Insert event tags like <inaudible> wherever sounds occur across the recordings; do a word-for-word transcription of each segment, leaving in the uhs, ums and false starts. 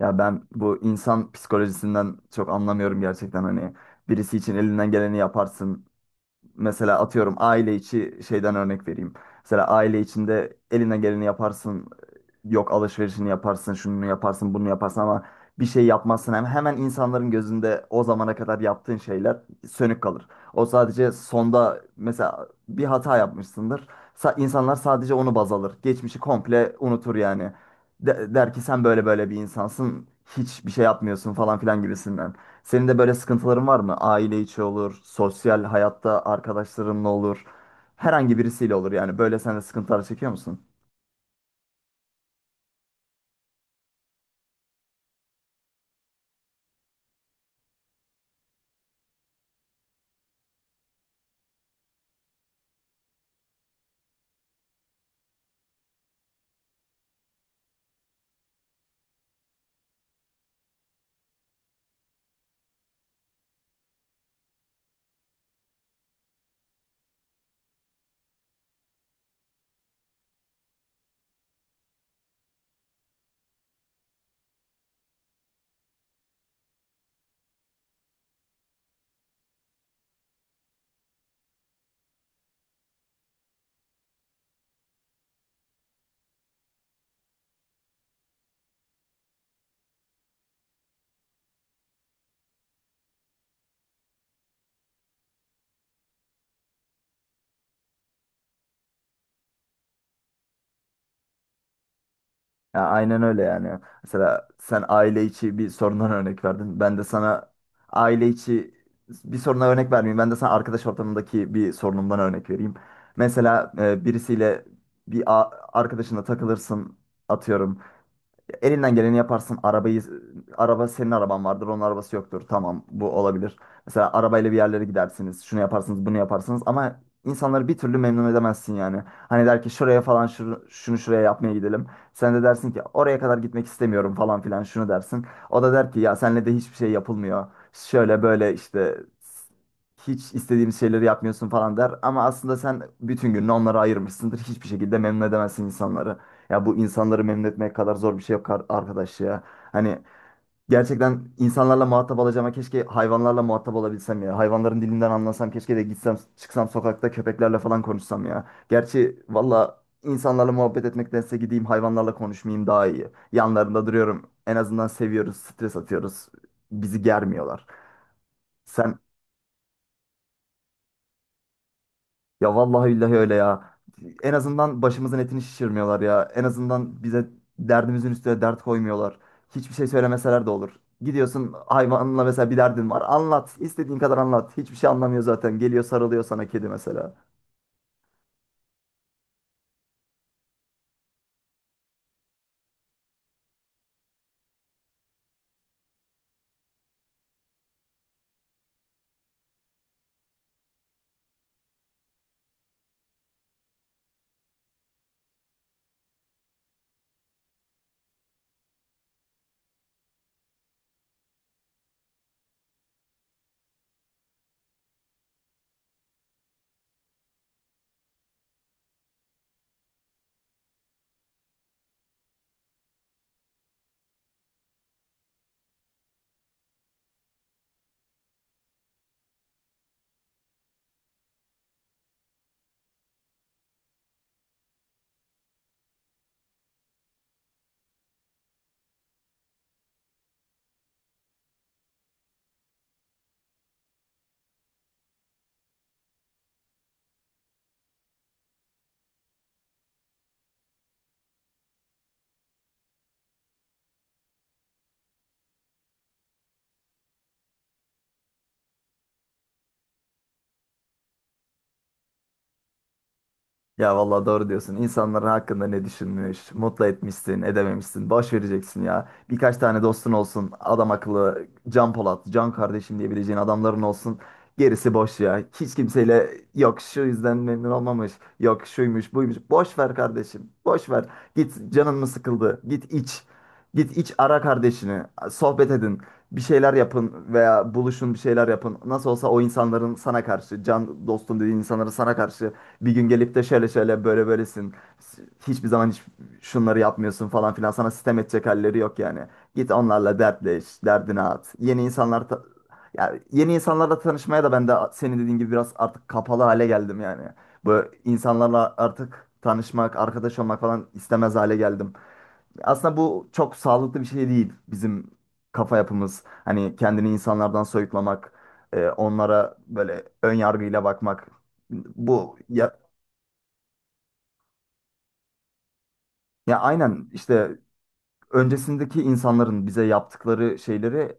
Ya ben bu insan psikolojisinden çok anlamıyorum gerçekten. Hani birisi için elinden geleni yaparsın. Mesela atıyorum, aile içi şeyden örnek vereyim. Mesela aile içinde eline geleni yaparsın. Yok alışverişini yaparsın, şunu yaparsın, bunu yaparsın ama bir şey yapmazsın. Hem hemen insanların gözünde o zamana kadar yaptığın şeyler sönük kalır. O sadece sonda mesela bir hata yapmışsındır. Sa- insanlar sadece onu baz alır. Geçmişi komple unutur yani. De- der ki sen böyle böyle bir insansın. Hiçbir şey yapmıyorsun falan filan gibisinden. Senin de böyle sıkıntıların var mı? Aile içi olur, sosyal hayatta arkadaşlarınla olur, herhangi birisiyle olur yani. Böyle sen de sıkıntılar çekiyor musun? Ya aynen öyle yani. Mesela sen aile içi bir sorundan örnek verdin. Ben de sana aile içi bir soruna örnek vermeyeyim. Ben de sana arkadaş ortamındaki bir sorunumdan örnek vereyim. Mesela e, birisiyle bir a- arkadaşınla takılırsın atıyorum. Ya elinden geleni yaparsın. Arabayı araba, senin araban vardır, onun arabası yoktur. Tamam, bu olabilir. Mesela arabayla bir yerlere gidersiniz. Şunu yaparsınız, bunu yaparsınız ama insanları bir türlü memnun edemezsin yani. Hani der ki şuraya falan şunu, şunu şuraya yapmaya gidelim. Sen de dersin ki oraya kadar gitmek istemiyorum falan filan şunu dersin. O da der ki ya senle de hiçbir şey yapılmıyor. Şöyle böyle işte hiç istediğimiz şeyleri yapmıyorsun falan der. Ama aslında sen bütün gününü onlara ayırmışsındır. Hiçbir şekilde memnun edemezsin insanları. Ya bu insanları memnun etmek kadar zor bir şey yok ar- arkadaş ya. Hani gerçekten insanlarla muhatap olacağıma keşke hayvanlarla muhatap olabilsem ya. Hayvanların dilinden anlasam keşke de gitsem çıksam sokakta köpeklerle falan konuşsam ya. Gerçi valla insanlarla muhabbet etmektense gideyim hayvanlarla konuşmayayım daha iyi. Yanlarında duruyorum. En azından seviyoruz, stres atıyoruz. Bizi germiyorlar. Sen ya vallahi billahi öyle ya. En azından başımızın etini şişirmiyorlar ya. En azından bize derdimizin üstüne dert koymuyorlar. Hiçbir şey söylemeseler de olur. Gidiyorsun hayvanla, mesela bir derdin var. Anlat, istediğin kadar anlat. Hiçbir şey anlamıyor zaten. Geliyor sarılıyor sana kedi mesela. Ya vallahi doğru diyorsun. İnsanların hakkında ne düşünmüş, mutlu etmişsin, edememişsin. Boş vereceksin ya. Birkaç tane dostun olsun. Adam akıllı, Can Polat, Can kardeşim diyebileceğin adamların olsun. Gerisi boş ya. Hiç kimseyle yok şu yüzden memnun olmamış, yok şuymuş, buymuş. Boş ver kardeşim, boş ver. Git, canın mı sıkıldı? Git iç. Git iç, ara kardeşini. Sohbet edin. Bir şeyler yapın veya buluşun bir şeyler yapın. Nasıl olsa o insanların sana karşı, can dostum dediğin insanların sana karşı bir gün gelip de şöyle şöyle böyle böylesin. Hiçbir zaman hiç şunları yapmıyorsun falan filan. Sana sitem edecek halleri yok yani. Git onlarla dertleş, derdini at. Yeni insanlar ta- ya yeni insanlarla tanışmaya da ben de senin dediğin gibi biraz artık kapalı hale geldim yani. Bu insanlarla artık tanışmak, arkadaş olmak falan istemez hale geldim. Aslında bu çok sağlıklı bir şey değil, bizim kafa yapımız. Hani kendini insanlardan soyutlamak, e, onlara böyle ön yargıyla bakmak. Bu ya, ya aynen işte öncesindeki insanların bize yaptıkları şeyleri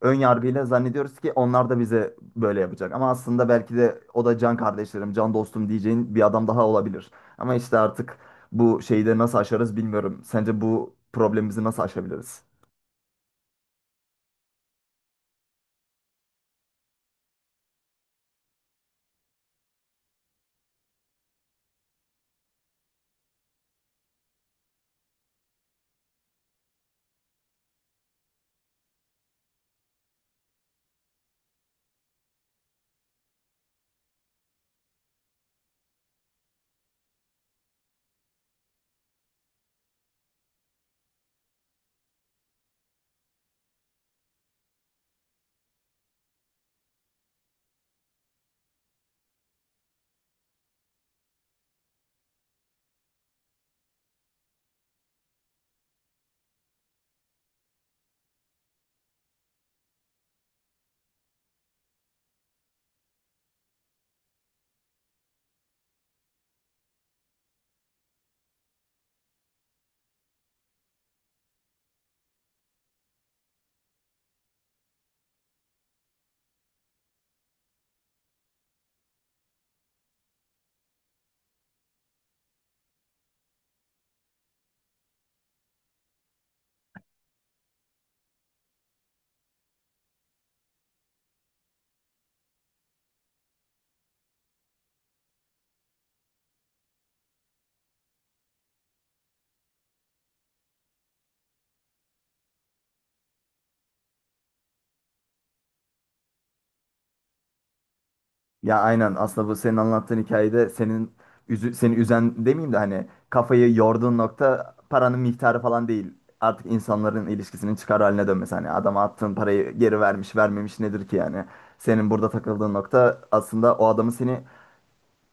ön yargıyla zannediyoruz ki onlar da bize böyle yapacak. Ama aslında belki de o da can kardeşlerim, can dostum diyeceğin bir adam daha olabilir. Ama işte artık bu şeyi de nasıl aşarız bilmiyorum. Sence bu problemimizi nasıl aşabiliriz? Ya aynen, aslında bu senin anlattığın hikayede senin üzü, seni üzen demeyeyim de hani kafayı yorduğun nokta paranın miktarı falan değil. Artık insanların ilişkisinin çıkar haline dönmesi. Hani adama attığın parayı geri vermiş vermemiş nedir ki yani. Senin burada takıldığın nokta aslında o adamın seni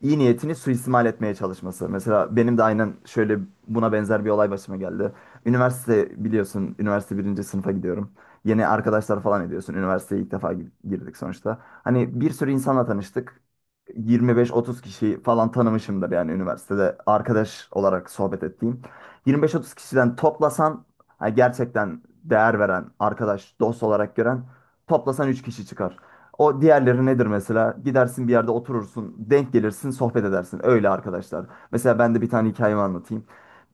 iyi niyetini suistimal etmeye çalışması. Mesela benim de aynen şöyle buna benzer bir olay başıma geldi. Üniversite biliyorsun, üniversite birinci sınıfa gidiyorum. Yeni arkadaşlar falan ediyorsun. Üniversiteye ilk defa gi- girdik sonuçta. Hani bir sürü insanla tanıştık. yirmi beş otuz kişi falan tanımışımdır yani üniversitede arkadaş olarak sohbet ettiğim. yirmi beş otuz kişiden toplasan ha, gerçekten değer veren, arkadaş, dost olarak gören toplasan üç kişi çıkar. O diğerleri nedir mesela? Gidersin bir yerde oturursun, denk gelirsin, sohbet edersin. Öyle arkadaşlar. Mesela ben de bir tane hikayemi anlatayım.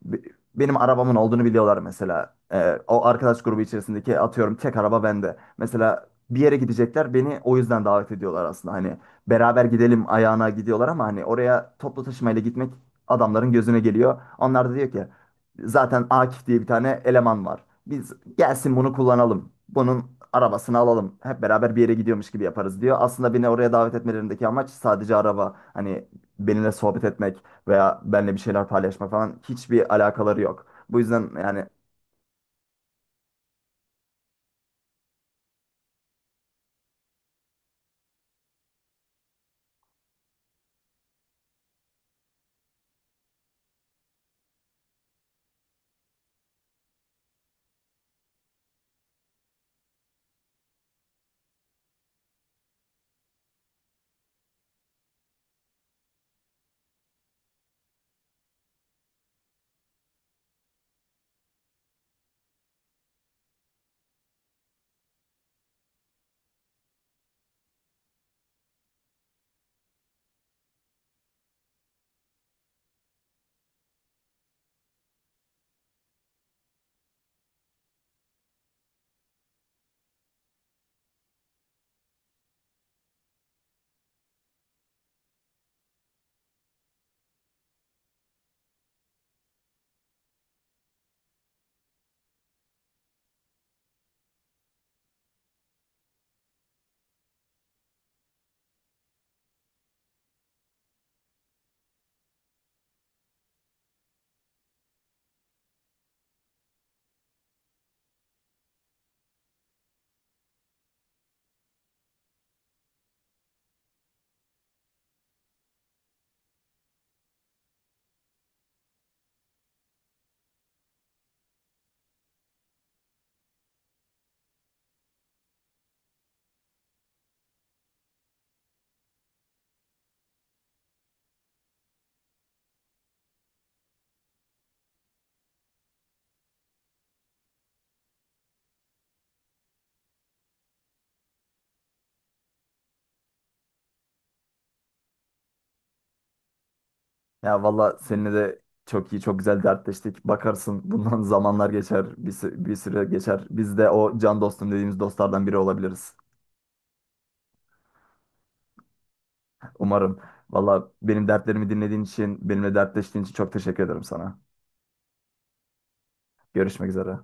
Be- Benim arabamın olduğunu biliyorlar mesela. Ee, o arkadaş grubu içerisindeki atıyorum tek araba bende. Mesela bir yere gidecekler beni o yüzden davet ediyorlar aslında. Hani beraber gidelim ayağına gidiyorlar ama hani oraya toplu taşımayla gitmek adamların gözüne geliyor. Onlar da diyor ki zaten Akif diye bir tane eleman var. Biz gelsin bunu kullanalım. Bunun arabasını alalım. Hep beraber bir yere gidiyormuş gibi yaparız diyor. Aslında beni oraya davet etmelerindeki amaç sadece araba. Hani benimle sohbet etmek veya benimle bir şeyler paylaşmak falan hiçbir alakaları yok. Bu yüzden yani ya valla seninle de çok iyi çok güzel dertleştik. Bakarsın bundan <laughs> zamanlar geçer, bir, sü- bir süre geçer. Biz de o can dostum dediğimiz dostlardan biri olabiliriz. Umarım. Valla benim dertlerimi dinlediğin için, benimle dertleştiğin için çok teşekkür ederim sana. Görüşmek üzere.